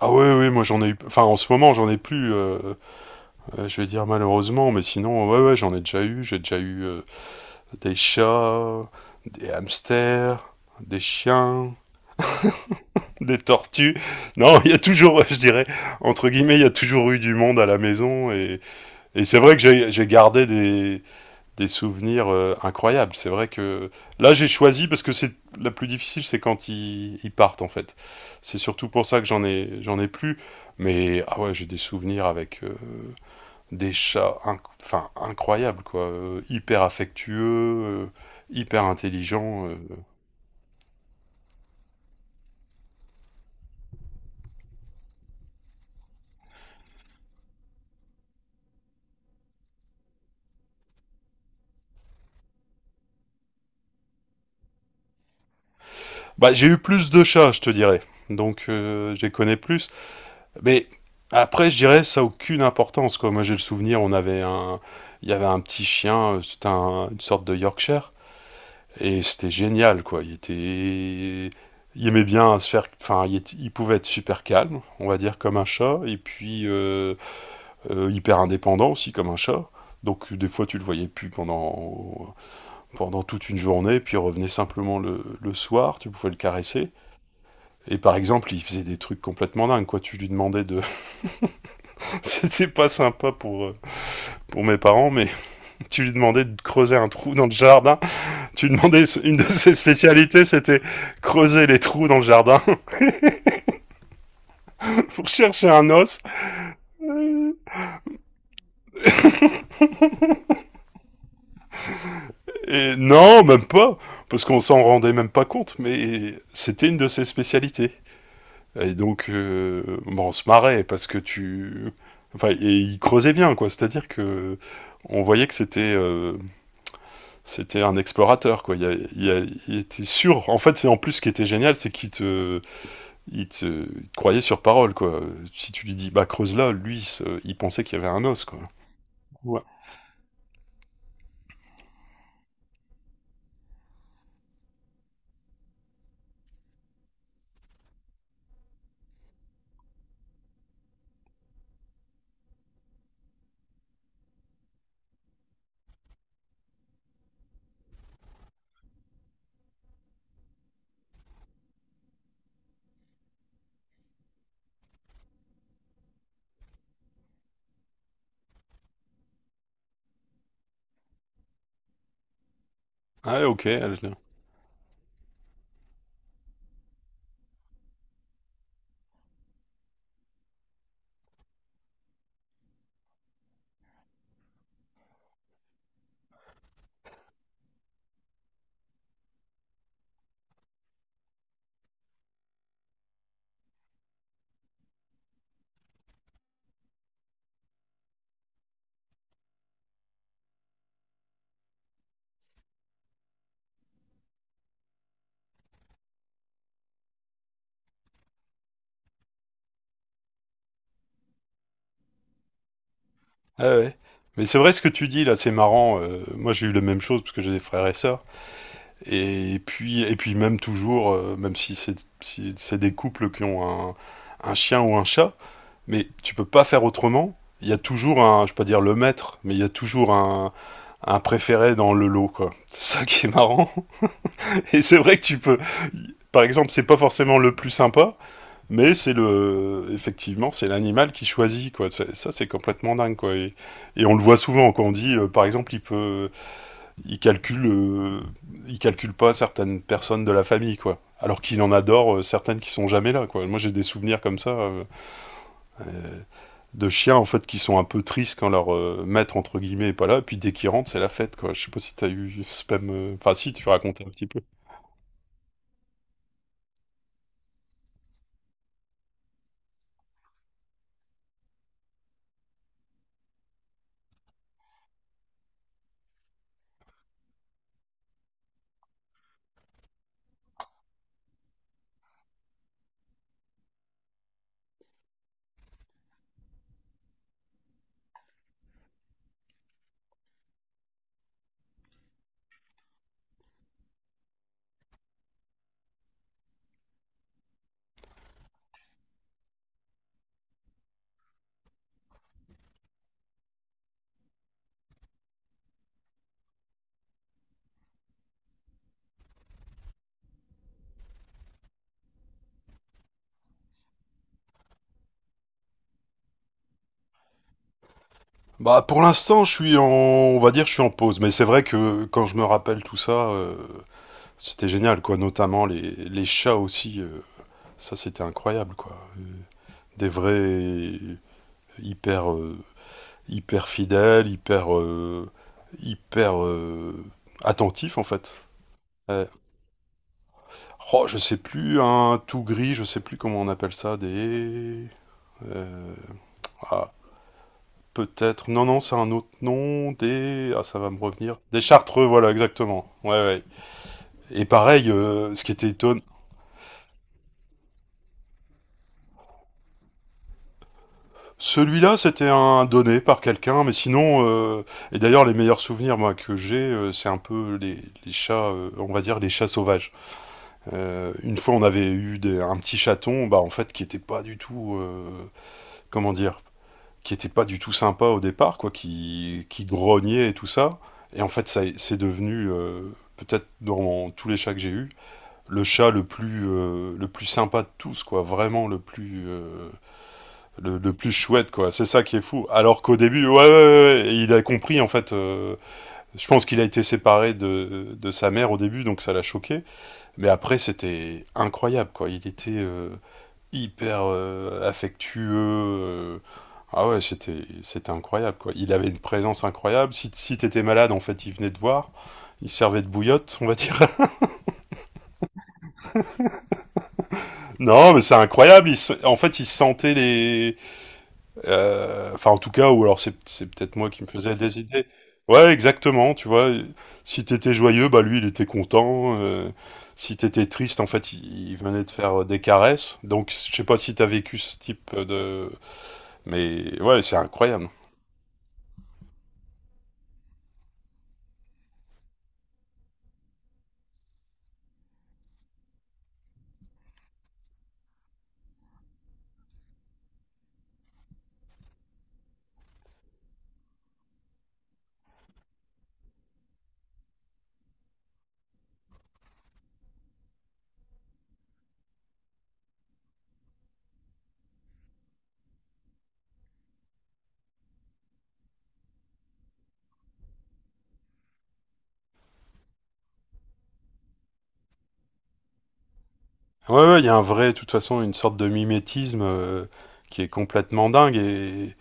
Ah ouais, ouais, moi j'en ai eu. Enfin, en ce moment, j'en ai plus. Je vais dire malheureusement, mais sinon, ouais, ouais, j'en ai déjà eu. J'ai déjà eu des chats, des hamsters, des chiens, des tortues. Non, il y a toujours, je dirais, entre guillemets, il y a toujours eu du monde à la maison. Et c'est vrai que j'ai gardé des souvenirs incroyables. C'est vrai que là j'ai choisi parce que c'est la plus difficile, c'est quand ils partent en fait. C'est surtout pour ça que j'en ai plus. Mais ah ouais, j'ai des souvenirs avec des chats, enfin incroyables quoi. Hyper affectueux, hyper intelligents. Bah j'ai eu plus de chats, je te dirais. Donc je les connais plus. Mais après, je dirais ça a aucune importance quoi. Moi j'ai le souvenir, on avait un, il y avait un petit chien, c'était une sorte de Yorkshire. Et c'était génial, quoi. Il était. Il aimait bien se faire. Enfin, il, il pouvait être super calme, on va dire, comme un chat, et puis hyper indépendant aussi, comme un chat. Donc, des fois, tu le voyais plus pendant toute une journée, puis il revenait simplement le soir, tu pouvais le caresser. Et par exemple, il faisait des trucs complètement dingues, quoi. Tu lui demandais de. C'était pas sympa pour mes parents, mais tu lui demandais de creuser un trou dans le jardin. Tu demandais, une de ses spécialités, c'était creuser les trous dans le jardin pour chercher un os. Et non, même pas, parce qu'on s'en rendait même pas compte, mais c'était une de ses spécialités. Et donc, bon, on se marrait parce que tu, enfin, et il creusait bien, quoi. C'est-à-dire que on voyait que c'était c'était un explorateur, quoi. Il, il était sûr. En fait, c'est en plus ce qui était génial, c'est qu'il te il te croyait sur parole, quoi. Si tu lui dis, bah, creuse là, lui, il pensait qu'il y avait un os, quoi. Ouais. Ah, ouais, ok. Ah, ouais. Mais c'est vrai ce que tu dis, là, c'est marrant. Euh, moi, j'ai eu la même chose, parce que j'ai des frères et sœurs. Et puis même toujours, même si c'est des couples qui ont un, un chien ou un chat, mais tu peux pas faire autrement. Il y a toujours un, je peux pas dire le maître, mais il y a toujours un préféré dans le lot, quoi. C'est ça qui est marrant. Et c'est vrai que tu peux. Par exemple, c'est pas forcément le plus sympa, mais c'est le. Effectivement, c'est l'animal qui choisit, quoi. Ça, c'est complètement dingue, quoi. Et on le voit souvent quand on dit, par exemple, il peut. Il calcule. Il calcule pas certaines personnes de la famille, quoi. Alors qu'il en adore certaines qui sont jamais là, quoi. Moi, j'ai des souvenirs comme ça de chiens, en fait, qui sont un peu tristes quand leur maître, entre guillemets, est pas là. Et puis dès qu'ils rentrent, c'est la fête, quoi. Je sais pas si t'as eu ce même. Enfin, si, tu racontais un petit peu. Bah pour l'instant, je suis en, on va dire, je suis en pause. Mais c'est vrai que quand je me rappelle tout ça, c'était génial, quoi. Notamment les chats aussi, ça c'était incroyable, quoi. Des vrais, hyper hyper fidèles, hyper hyper euh, attentifs en fait. Ouais. Oh, je sais plus, un tout gris, je sais plus comment on appelle ça, des euh, ah, peut-être. Non, non, c'est un autre nom. Des. Ah, ça va me revenir. Des Chartreux, voilà, exactement. Ouais, ouais. Et pareil, ce qui était étonnant. Celui-là, c'était un donné par quelqu'un, mais sinon, et d'ailleurs, les meilleurs souvenirs moi que j'ai, c'est un peu les chats, on va dire les chats sauvages. Une fois, on avait eu un petit chaton, bah en fait, qui était pas du tout, comment dire, qui était pas du tout sympa au départ, quoi, qui grognait et tout ça. Et en fait, ça c'est devenu, peut-être dans tous les chats que j'ai eus, le chat le plus sympa de tous, quoi. Vraiment le plus, le plus chouette, quoi. C'est ça qui est fou. Alors qu'au début, ouais, il a compris, en fait. Je pense qu'il a été séparé de sa mère au début, donc ça l'a choqué. Mais après, c'était incroyable, quoi. Il était, hyper affectueux. Ah ouais, c'était incroyable quoi. Il avait une présence incroyable. Si t'étais malade, en fait, il venait te voir. Il servait de bouillotte, on va dire. Non, mais c'est incroyable. En fait, il sentait les. Enfin, en tout cas, ou alors c'est peut-être moi qui me faisais des idées. Ouais, exactement. Tu vois, si t'étais joyeux, bah lui, il était content. Si t'étais triste, en fait, il venait de faire des caresses. Donc, je sais pas si t'as vécu ce type de… Mais ouais, c'est incroyable. Ouais, ouais, il y a un vrai, de toute façon, une sorte de mimétisme qui est complètement dingue. Et…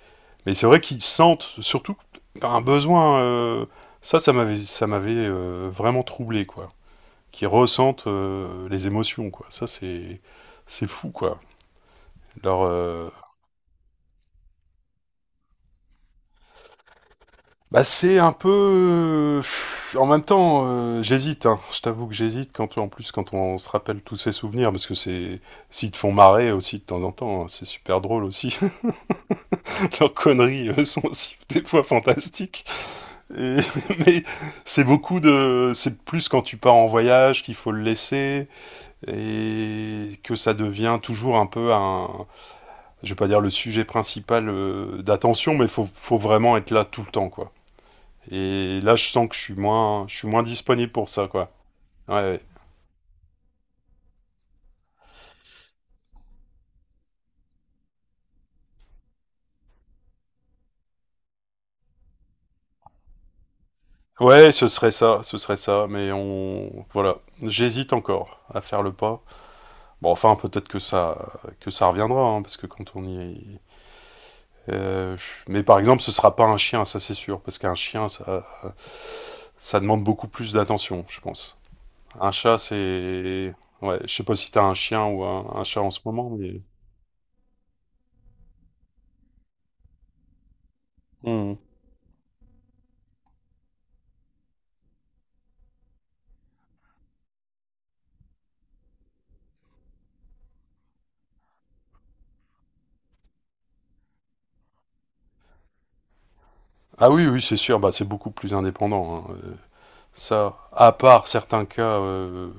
Mais c'est vrai qu'ils sentent surtout un besoin. Ça, ça m'avait vraiment troublé, quoi. Qu'ils ressentent les émotions, quoi. Ça, c'est fou, quoi. Leur, bah, c'est un peu. En même temps, j'hésite. Hein. Je t'avoue que j'hésite quand, en plus, quand on se rappelle tous ces souvenirs, parce que c'est, s'ils te font marrer aussi de temps en temps, hein, c'est super drôle aussi. Leurs conneries sont aussi des fois fantastiques. Et mais c'est beaucoup de, c'est plus quand tu pars en voyage qu'il faut le laisser et que ça devient toujours un peu un, je vais pas dire le sujet principal d'attention, mais faut vraiment être là tout le temps, quoi. Et là, je sens que je suis moins disponible pour ça, quoi. Ouais, ouais. Ouais, ce serait ça, mais on, voilà, j'hésite encore à faire le pas. Bon, enfin, peut-être que ça reviendra, hein, parce que quand on y, euh, mais par exemple, ce sera pas un chien, ça c'est sûr, parce qu'un chien, ça demande beaucoup plus d'attention, je pense. Un chat, c'est… Ouais, je sais pas si t'as un chien ou un chat en ce moment, mais… Hmm. Ah oui, oui, c'est sûr, bah, c'est beaucoup plus indépendant. Hein. Ça, à part certains cas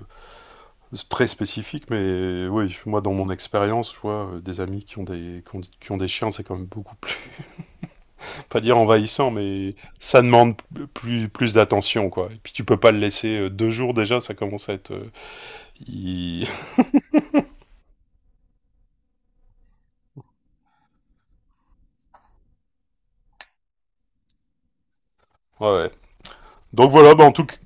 très spécifiques, mais oui, moi dans mon expérience, je vois des amis qui ont des, qui ont des chiens, c'est quand même beaucoup plus, pas dire envahissant, mais ça demande plus, plus d'attention, quoi. Et puis tu peux pas le laisser deux jours déjà, ça commence à être. Il- Ouais, ouais. Donc voilà, bah en tout cas.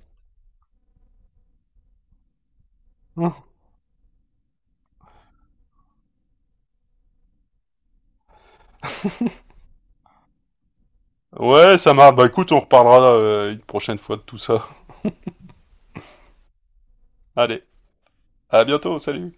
Ouais, ça marche. Bah écoute, on reparlera une prochaine fois de tout ça. Allez, à bientôt, salut!